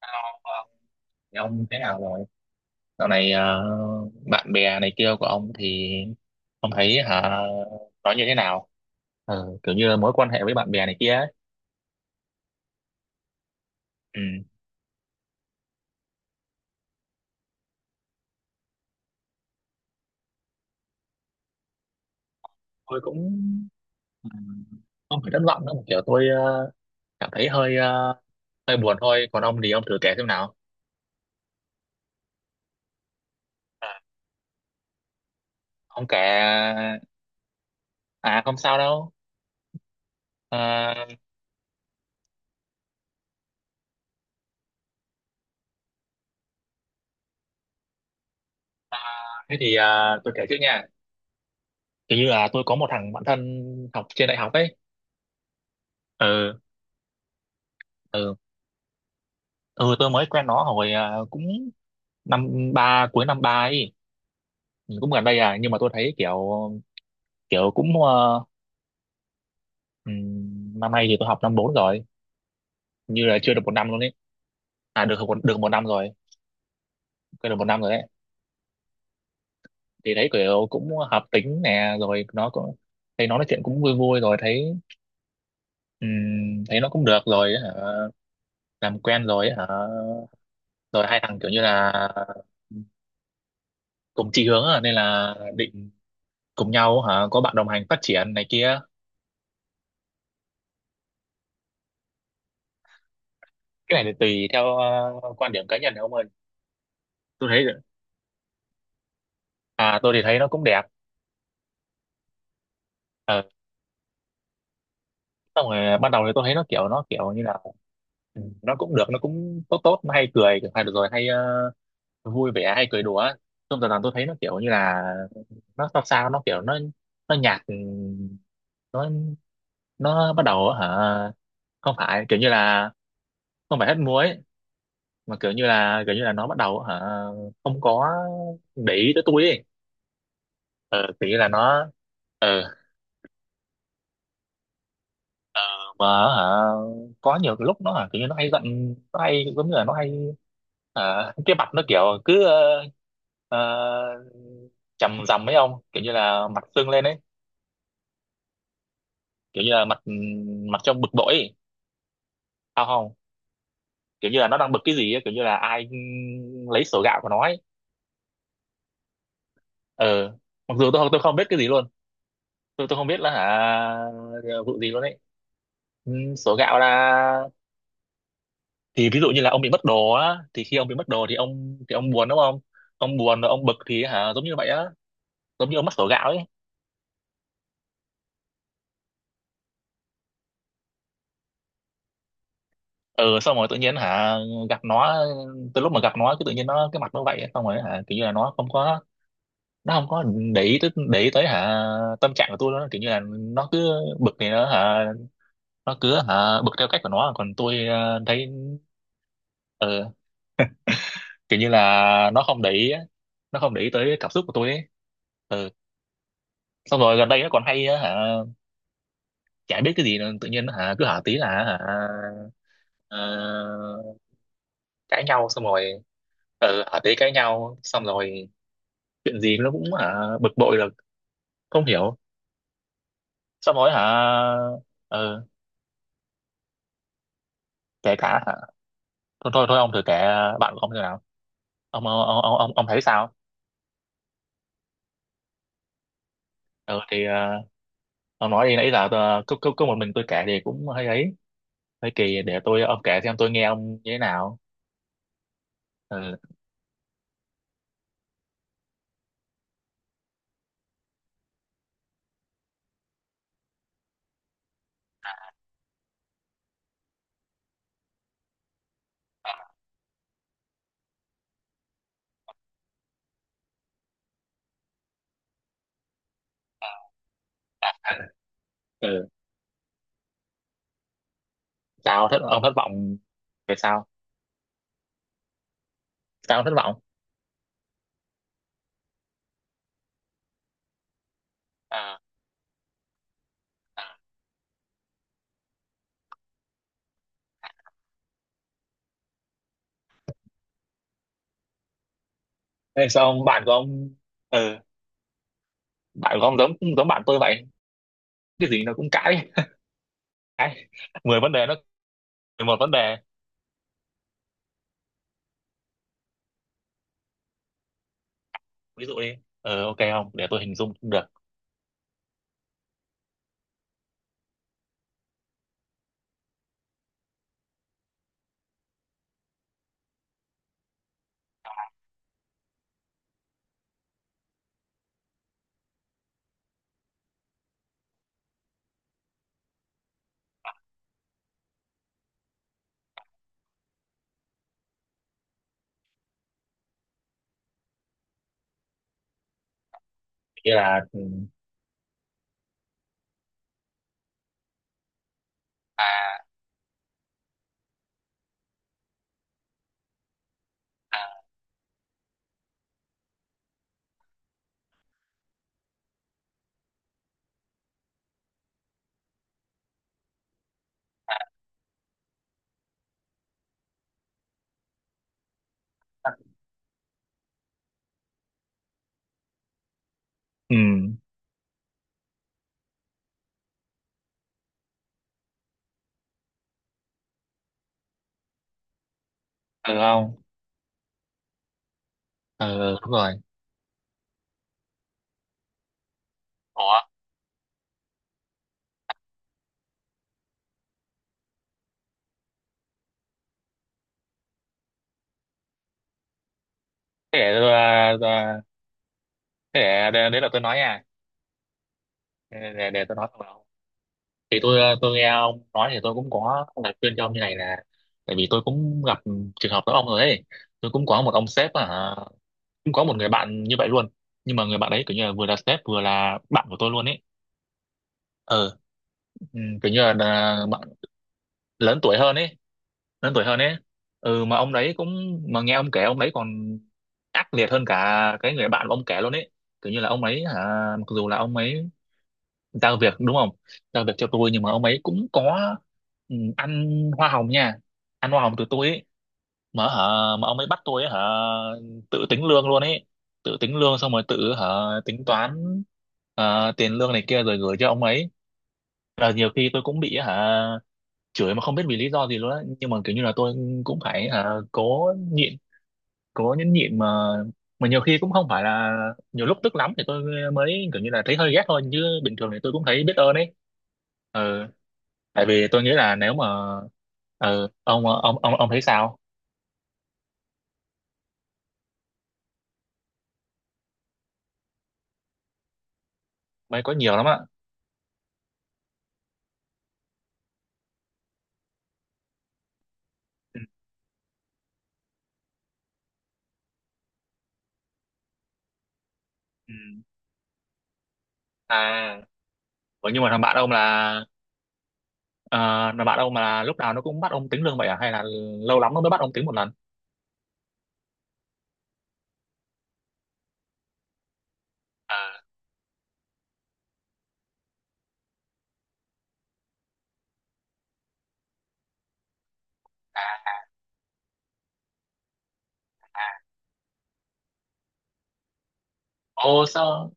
Hello, Ờ, Thì ông thế nào rồi? Dạo này bạn bè này kia của ông thì ông thấy hả nói như thế nào? Kiểu như là mối quan hệ với bạn bè này kia ấy. Ừ. Tôi cũng ừ, không phải thất vọng đâu, kiểu tôi cảm thấy hơi hơi buồn thôi. Còn ông thì ông thử kể xem nào. À, ông kể, à không sao đâu. Ờ, À, thế thì tôi kể trước nha. Kiểu như là tôi có một thằng bạn thân học trên đại học ấy. Ừ. ừ tôi mới quen nó hồi à, cũng năm ba cuối năm ba ấy. Ừ, cũng gần đây à, nhưng mà tôi thấy kiểu kiểu cũng năm nay thì tôi học năm bốn rồi, như là chưa được một năm luôn ấy, à được một năm rồi, quên được một năm rồi đấy. Thì thấy kiểu cũng hợp tính nè, rồi nó cũng thấy, nó nói chuyện cũng vui vui, rồi thấy thấy nó cũng được rồi ấy hả, làm quen rồi ấy hả, rồi hai thằng kiểu như là cùng chí hướng, à nên là định cùng nhau hả, có bạn đồng hành phát triển này kia. Cái này thì tùy theo quan điểm cá nhân của ông ơi. Tôi thấy, à tôi thì thấy nó cũng đẹp. Ờ, Xong rồi ban đầu thì tôi thấy nó kiểu như là nó cũng được, nó cũng tốt tốt, nó hay cười hay được rồi hay vui vẻ hay cười đùa. Xong dần dần tôi thấy nó kiểu như là nó sao sao, nó kiểu nó nhạt, nó nó bắt đầu hả không phải kiểu như là, không phải hết muối, mà kiểu như là nó bắt đầu hả không có để ý tới tôi ấy. Ờ Kiểu như là nó, ờ mà hả có nhiều cái lúc nó hả kiểu như nó hay giận, nó hay giống như là nó hay hả, cái mặt nó kiểu cứ ờ, chằm rằm ấy ông, kiểu như là mặt sưng lên ấy. Kiểu như là mặt mặt trong bực bội ấy. Sao không, kiểu như là nó đang bực cái gì ấy, kiểu như là ai lấy sổ gạo của nó ấy. ờ Mặc dù tôi không biết cái gì luôn. Tôi không biết là hả vụ gì luôn ấy. Ừ, sổ gạo là, thì ví dụ như là ông bị mất đồ á, thì khi ông bị mất đồ thì ông buồn đúng không, ông buồn rồi ông bực thì hả giống như vậy á, giống như ông mắc sổ gạo ấy. Ừ Xong rồi tự nhiên hả gặp nó, từ lúc mà gặp nó cứ tự nhiên nó, cái mặt nó vậy ấy. Xong rồi hả kiểu như là nó không có, nó không có để ý tới hả tâm trạng của tôi nữa, kiểu như là nó cứ bực thì nó hả, nó cứ hả bực theo cách của nó, còn tôi thấy ừ, kiểu như là nó không để ý á, nó không để ý tới cảm xúc của tôi ấy. ừ Xong rồi gần đây nó còn hay á, hả chả biết cái gì nữa, tự nhiên hả cứ hả tí là hả ờ, cãi nhau, xong rồi hả tí cãi nhau, xong rồi chuyện gì nó cũng hả bực bội là không hiểu. Xong rồi hả ờ, kể cả hả thôi thôi thôi ông thử kể bạn của ông như nào, ông, ông thấy sao? ờ thì ờ, ông nói đi, nãy giờ tôi- cứ cứ cứ một mình tôi kể thì cũng hơi ấy, hơi kỳ, để tôi, ông kể xem tôi nghe ông như thế nào. Ừ, ừ, sao thất ông thất vọng về, sao, sao ông thất vọng? À, thế sao ông bạn của ông, ừ bạn của ông giống giống bạn tôi vậy, cái gì nó cũng cãi, cãi 10 vấn đề nó, 11 vấn đề. Ví dụ đi, ok không, để tôi hình dung cũng được. Nghĩa là ừ, à à, ừ ừ không, ừ đúng rồi. Ủa, thế để tôi à, thế để, đấy là tôi nói nha, để, tôi nói thằng nào, thì tôi à, tôi nghe ông nói thì tôi cũng có lời khuyên cho ông như này là tại vì tôi cũng gặp trường hợp giống ông rồi ấy. Tôi cũng có một ông sếp, à cũng có một người bạn như vậy luôn, nhưng mà người bạn ấy kiểu như là vừa là sếp vừa là bạn của tôi luôn ấy. ờ Kiểu như là, à bạn lớn tuổi hơn ấy, lớn tuổi hơn ấy. Ừ mà ông đấy cũng, mà nghe ông kể ông đấy còn ác liệt hơn cả cái người bạn của ông kể luôn ấy. Kiểu như là ông ấy hả, mặc dù là ông ấy giao việc đúng không, giao việc cho tôi nhưng mà ông ấy cũng có ăn hoa hồng nha, ăn hoa hồng từ tôi ấy, mà hả mà ông ấy bắt tôi ấy, hả tự tính lương luôn ấy, tự tính lương xong rồi tự hả tính toán tiền lương này kia rồi gửi cho ông ấy. Là nhiều khi tôi cũng bị hả chửi mà không biết vì lý do gì luôn á, nhưng mà kiểu như là tôi cũng phải à, cố nhịn, cố nhẫn nhịn mà nhiều khi cũng không phải là, nhiều lúc tức lắm thì tôi mới kiểu như là thấy hơi ghét thôi, chứ bình thường thì tôi cũng thấy biết ơn ấy. Ừ, tại vì tôi nghĩ là nếu mà ừ, ông thấy sao? Mới có nhiều lắm ạ. Ừ. Ừ. À, ủa nhưng mà thằng bạn ông là ờ, thằng bạn ông mà lúc nào nó cũng bắt ông tính lương vậy à, hay là lâu lắm nó mới bắt ông tính một lần? À, ô sao,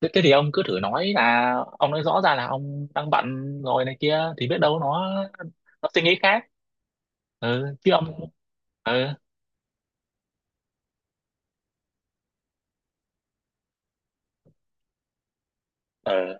thế thì ông cứ thử nói là ông nói rõ ra là ông đang bận rồi này kia thì biết đâu nó suy nghĩ khác, ừ chứ ông ừ, ừ.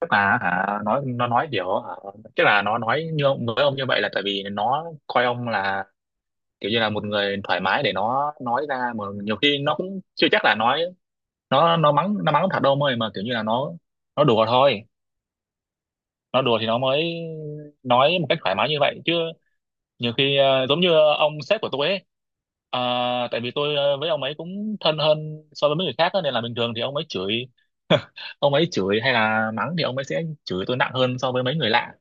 Tức là hả, nói nó nói kiểu hả, tức là nó nói như ông với ông như vậy là tại vì nó coi ông là kiểu như là một người thoải mái để nó nói ra, mà nhiều khi nó cũng chưa chắc là nói, nó mắng, nó mắng thật đâu mời, mà kiểu như là nó đùa thôi, nó đùa thì nó mới nói một cách thoải mái như vậy chứ. Nhiều khi giống như ông sếp của tôi ấy, à tại vì tôi với ông ấy cũng thân hơn so với mấy người khác á, nên là bình thường thì ông ấy chửi ông ấy chửi hay là mắng thì ông ấy sẽ chửi tôi nặng hơn so với mấy người lạ,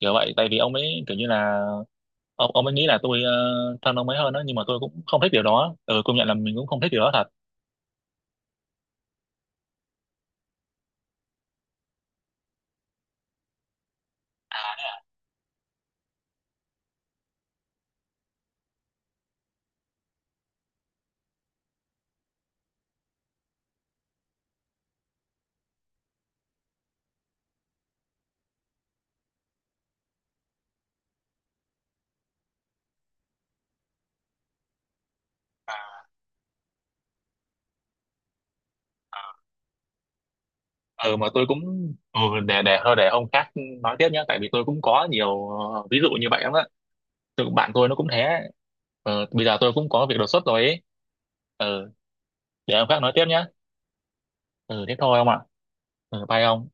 kiểu vậy, tại vì ông ấy kiểu như là ông ấy nghĩ là tôi thân ông ấy hơn đó, nhưng mà tôi cũng không thích điều đó. Ừ, công nhận là mình cũng không thích điều đó thật. Ừ, mà tôi cũng ừ, để thôi để ông khác nói tiếp nhé, tại vì tôi cũng có nhiều ví dụ như vậy lắm á, tôi bạn tôi nó cũng thế. Bây giờ tôi cũng có việc đột xuất rồi ấy, ờ để hôm khác nói tiếp nhá. Ừ thế thôi ông ạ. Ừ, bye ông.